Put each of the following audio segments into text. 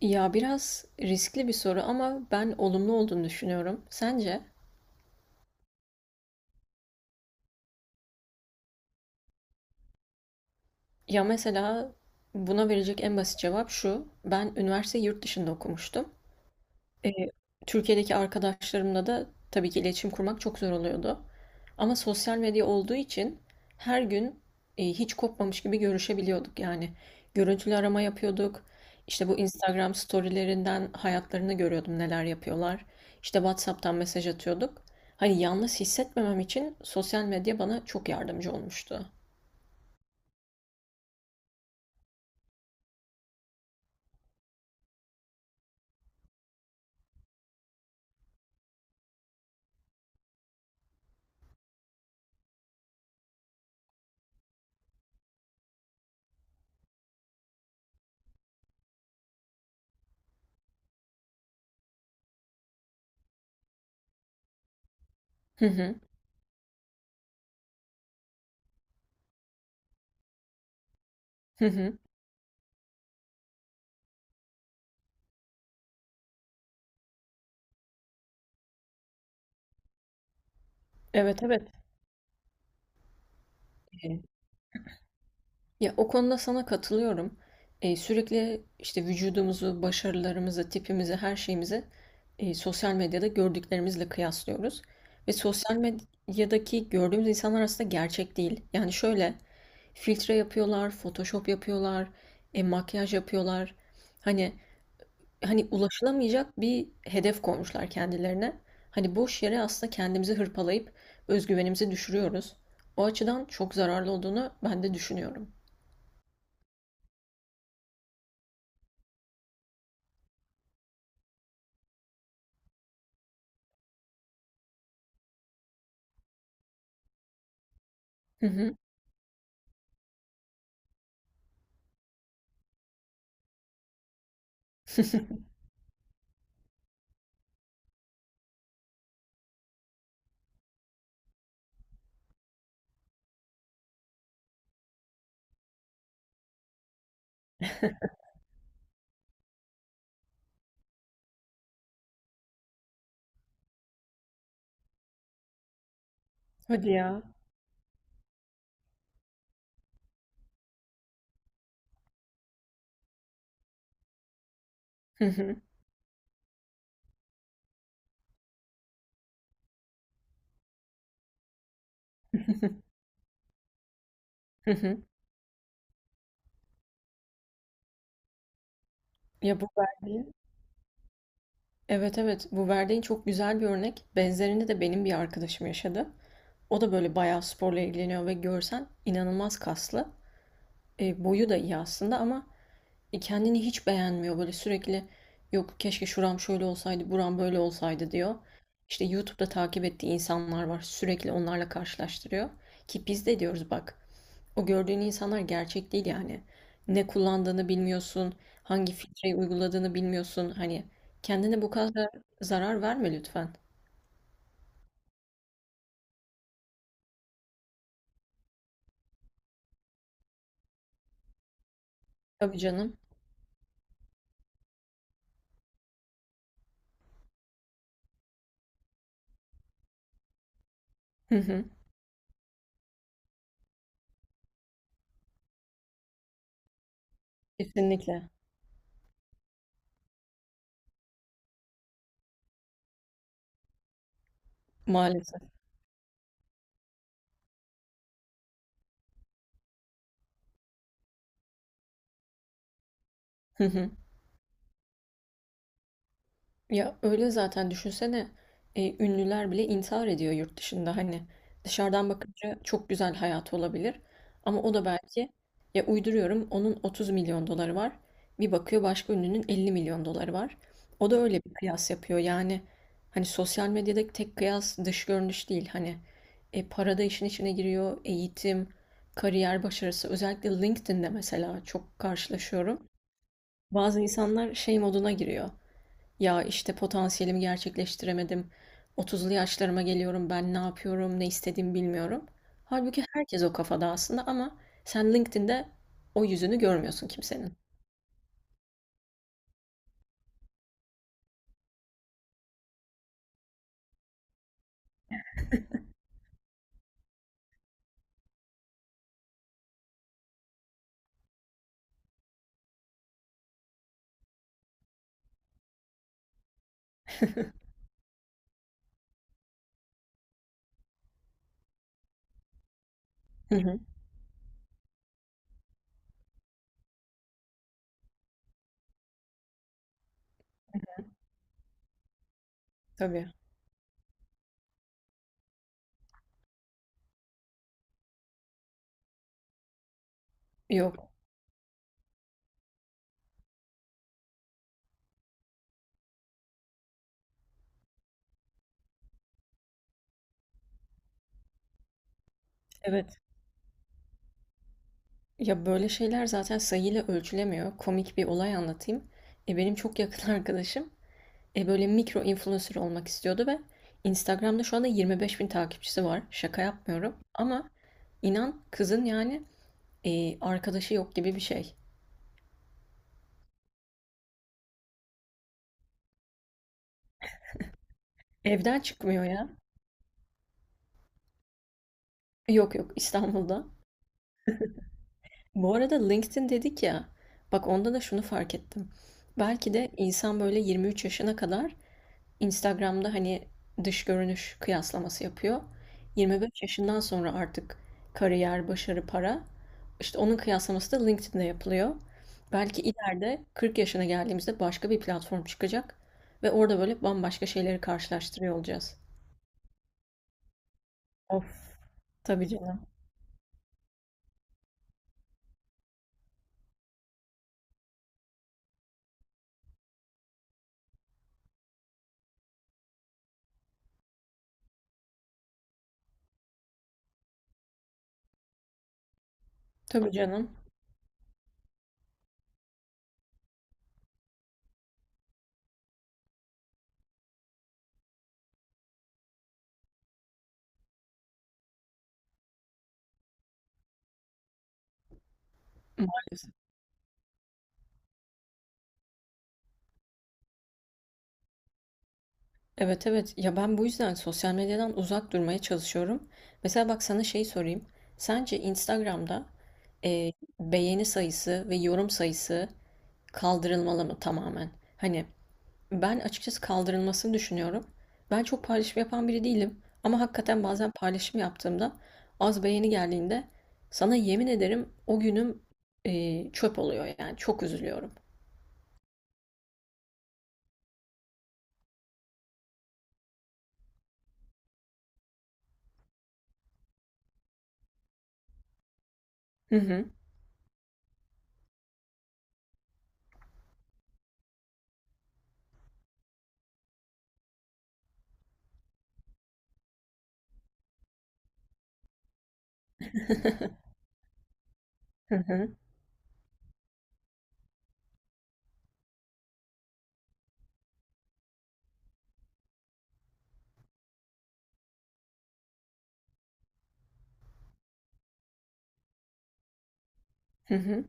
Ya biraz riskli bir soru ama ben olumlu olduğunu düşünüyorum. Sence? Ya mesela buna verecek en basit cevap şu. Ben üniversite yurt dışında okumuştum. Ee, Türkiye'deki arkadaşlarımla da tabii ki iletişim kurmak çok zor oluyordu. Ama sosyal medya olduğu için her gün hiç kopmamış gibi görüşebiliyorduk yani. Görüntülü arama yapıyorduk. İşte bu Instagram storylerinden hayatlarını görüyordum, neler yapıyorlar. İşte WhatsApp'tan mesaj atıyorduk. Hani yalnız hissetmemem için sosyal medya bana çok yardımcı olmuştu. Hı hı, hı hı. Evet, evet. Ya o konuda sana katılıyorum. Sürekli işte vücudumuzu, başarılarımızı, tipimizi, her şeyimizi sosyal medyada gördüklerimizle kıyaslıyoruz. Ve sosyal medyadaki gördüğümüz insanlar aslında gerçek değil. Yani şöyle, filtre yapıyorlar, Photoshop yapıyorlar, makyaj yapıyorlar. Hani hani ulaşılamayacak bir hedef koymuşlar kendilerine. Hani boş yere aslında kendimizi hırpalayıp özgüvenimizi düşürüyoruz. O açıdan çok zararlı olduğunu ben de düşünüyorum. Hı hı. Hadi ya. Hı hı. Hı hı. Ya bu verdiğin, evet, evet, bu verdiğin çok güzel bir örnek. Benzerini de benim bir arkadaşım yaşadı. O da böyle bayağı sporla ilgileniyor ve görsen inanılmaz kaslı. Boyu da iyi aslında ama kendini hiç beğenmiyor. Böyle sürekli, yok keşke şuram şöyle olsaydı, buram böyle olsaydı diyor. İşte YouTube'da takip ettiği insanlar var. Sürekli onlarla karşılaştırıyor. Ki biz de diyoruz bak, o gördüğün insanlar gerçek değil yani. Ne kullandığını bilmiyorsun, hangi filtreyi uyguladığını bilmiyorsun. Hani kendine bu kadar zarar verme lütfen. Tabii canım. Hı hı. Kesinlikle. Maalesef. Ya öyle zaten, düşünsene, ünlüler bile intihar ediyor yurt dışında. Hani dışarıdan bakınca çok güzel hayatı olabilir, ama o da belki, ya uyduruyorum, onun 30 milyon doları var, bir bakıyor başka ünlünün 50 milyon doları var, o da öyle bir kıyas yapıyor yani. Hani sosyal medyadaki tek kıyas dış görünüş değil, hani para da işin içine giriyor, eğitim, kariyer başarısı. Özellikle LinkedIn'de mesela çok karşılaşıyorum, bazı insanlar şey moduna giriyor, ya işte potansiyelimi gerçekleştiremedim. 30'lu yaşlarıma geliyorum, ben ne yapıyorum, ne istediğimi bilmiyorum. Halbuki herkes o kafada aslında, ama sen LinkedIn'de o yüzünü görmüyorsun kimsenin. Hı hı, tabii. Yok. Evet. Ya böyle şeyler zaten sayıyla ölçülemiyor. Komik bir olay anlatayım. Benim çok yakın arkadaşım böyle mikro influencer olmak istiyordu ve Instagram'da şu anda 25 bin takipçisi var. Şaka yapmıyorum. Ama inan kızın yani arkadaşı yok gibi bir şey. Evden çıkmıyor ya. Yok yok, İstanbul'da. Bu arada LinkedIn dedik ya. Bak, onda da şunu fark ettim. Belki de insan böyle 23 yaşına kadar Instagram'da hani dış görünüş kıyaslaması yapıyor. 25 yaşından sonra artık kariyer, başarı, para. İşte onun kıyaslaması da LinkedIn'de yapılıyor. Belki ileride 40 yaşına geldiğimizde başka bir platform çıkacak ve orada böyle bambaşka şeyleri karşılaştırıyor olacağız. Of. Tabii canım. Tabii canım. Maalesef. Evet, evet, ya ben bu yüzden sosyal medyadan uzak durmaya çalışıyorum. Mesela bak, sana şey sorayım. Sence Instagram'da e, beğeni sayısı ve yorum sayısı kaldırılmalı mı tamamen? Hani ben açıkçası kaldırılmasını düşünüyorum. Ben çok paylaşım yapan biri değilim. Ama hakikaten bazen paylaşım yaptığımda az beğeni geldiğinde, sana yemin ederim o günüm çöp oluyor, yani çok üzülüyorum. Hı hı. Hı hı. Hı hı.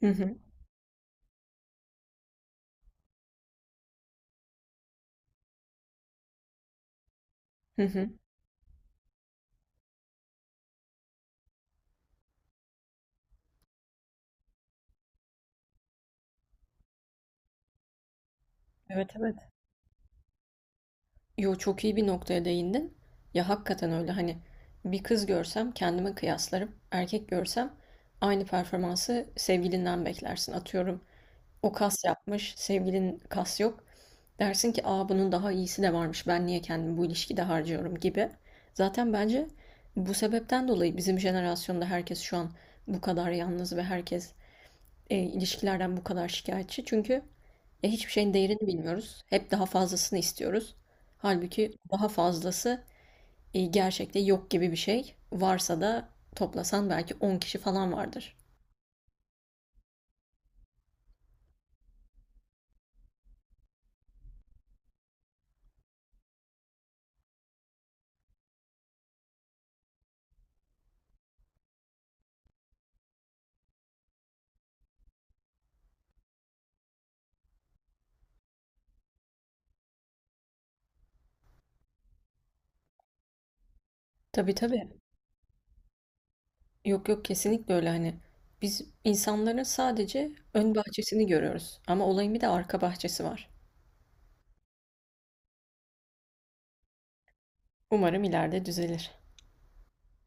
Hı hı. Hı hı. Evet, evet. Yo, çok iyi bir noktaya değindin. Ya hakikaten öyle hani, bir kız görsem kendime kıyaslarım. Erkek görsem aynı performansı sevgilinden beklersin. Atıyorum, o kas yapmış, sevgilin kas yok. Dersin ki aa, bunun daha iyisi de varmış. Ben niye kendimi bu ilişkide harcıyorum gibi. Zaten bence bu sebepten dolayı bizim jenerasyonda herkes şu an bu kadar yalnız ve herkes ilişkilerden bu kadar şikayetçi. Çünkü hiçbir şeyin değerini bilmiyoruz. Hep daha fazlasını istiyoruz. Halbuki daha fazlası gerçekte yok gibi bir şey. Varsa da toplasan belki 10 kişi falan vardır. Tabii, tabii. Yok yok, kesinlikle öyle hani. Biz insanların sadece ön bahçesini görüyoruz. Ama olayın bir de arka bahçesi var. Umarım ileride düzelir.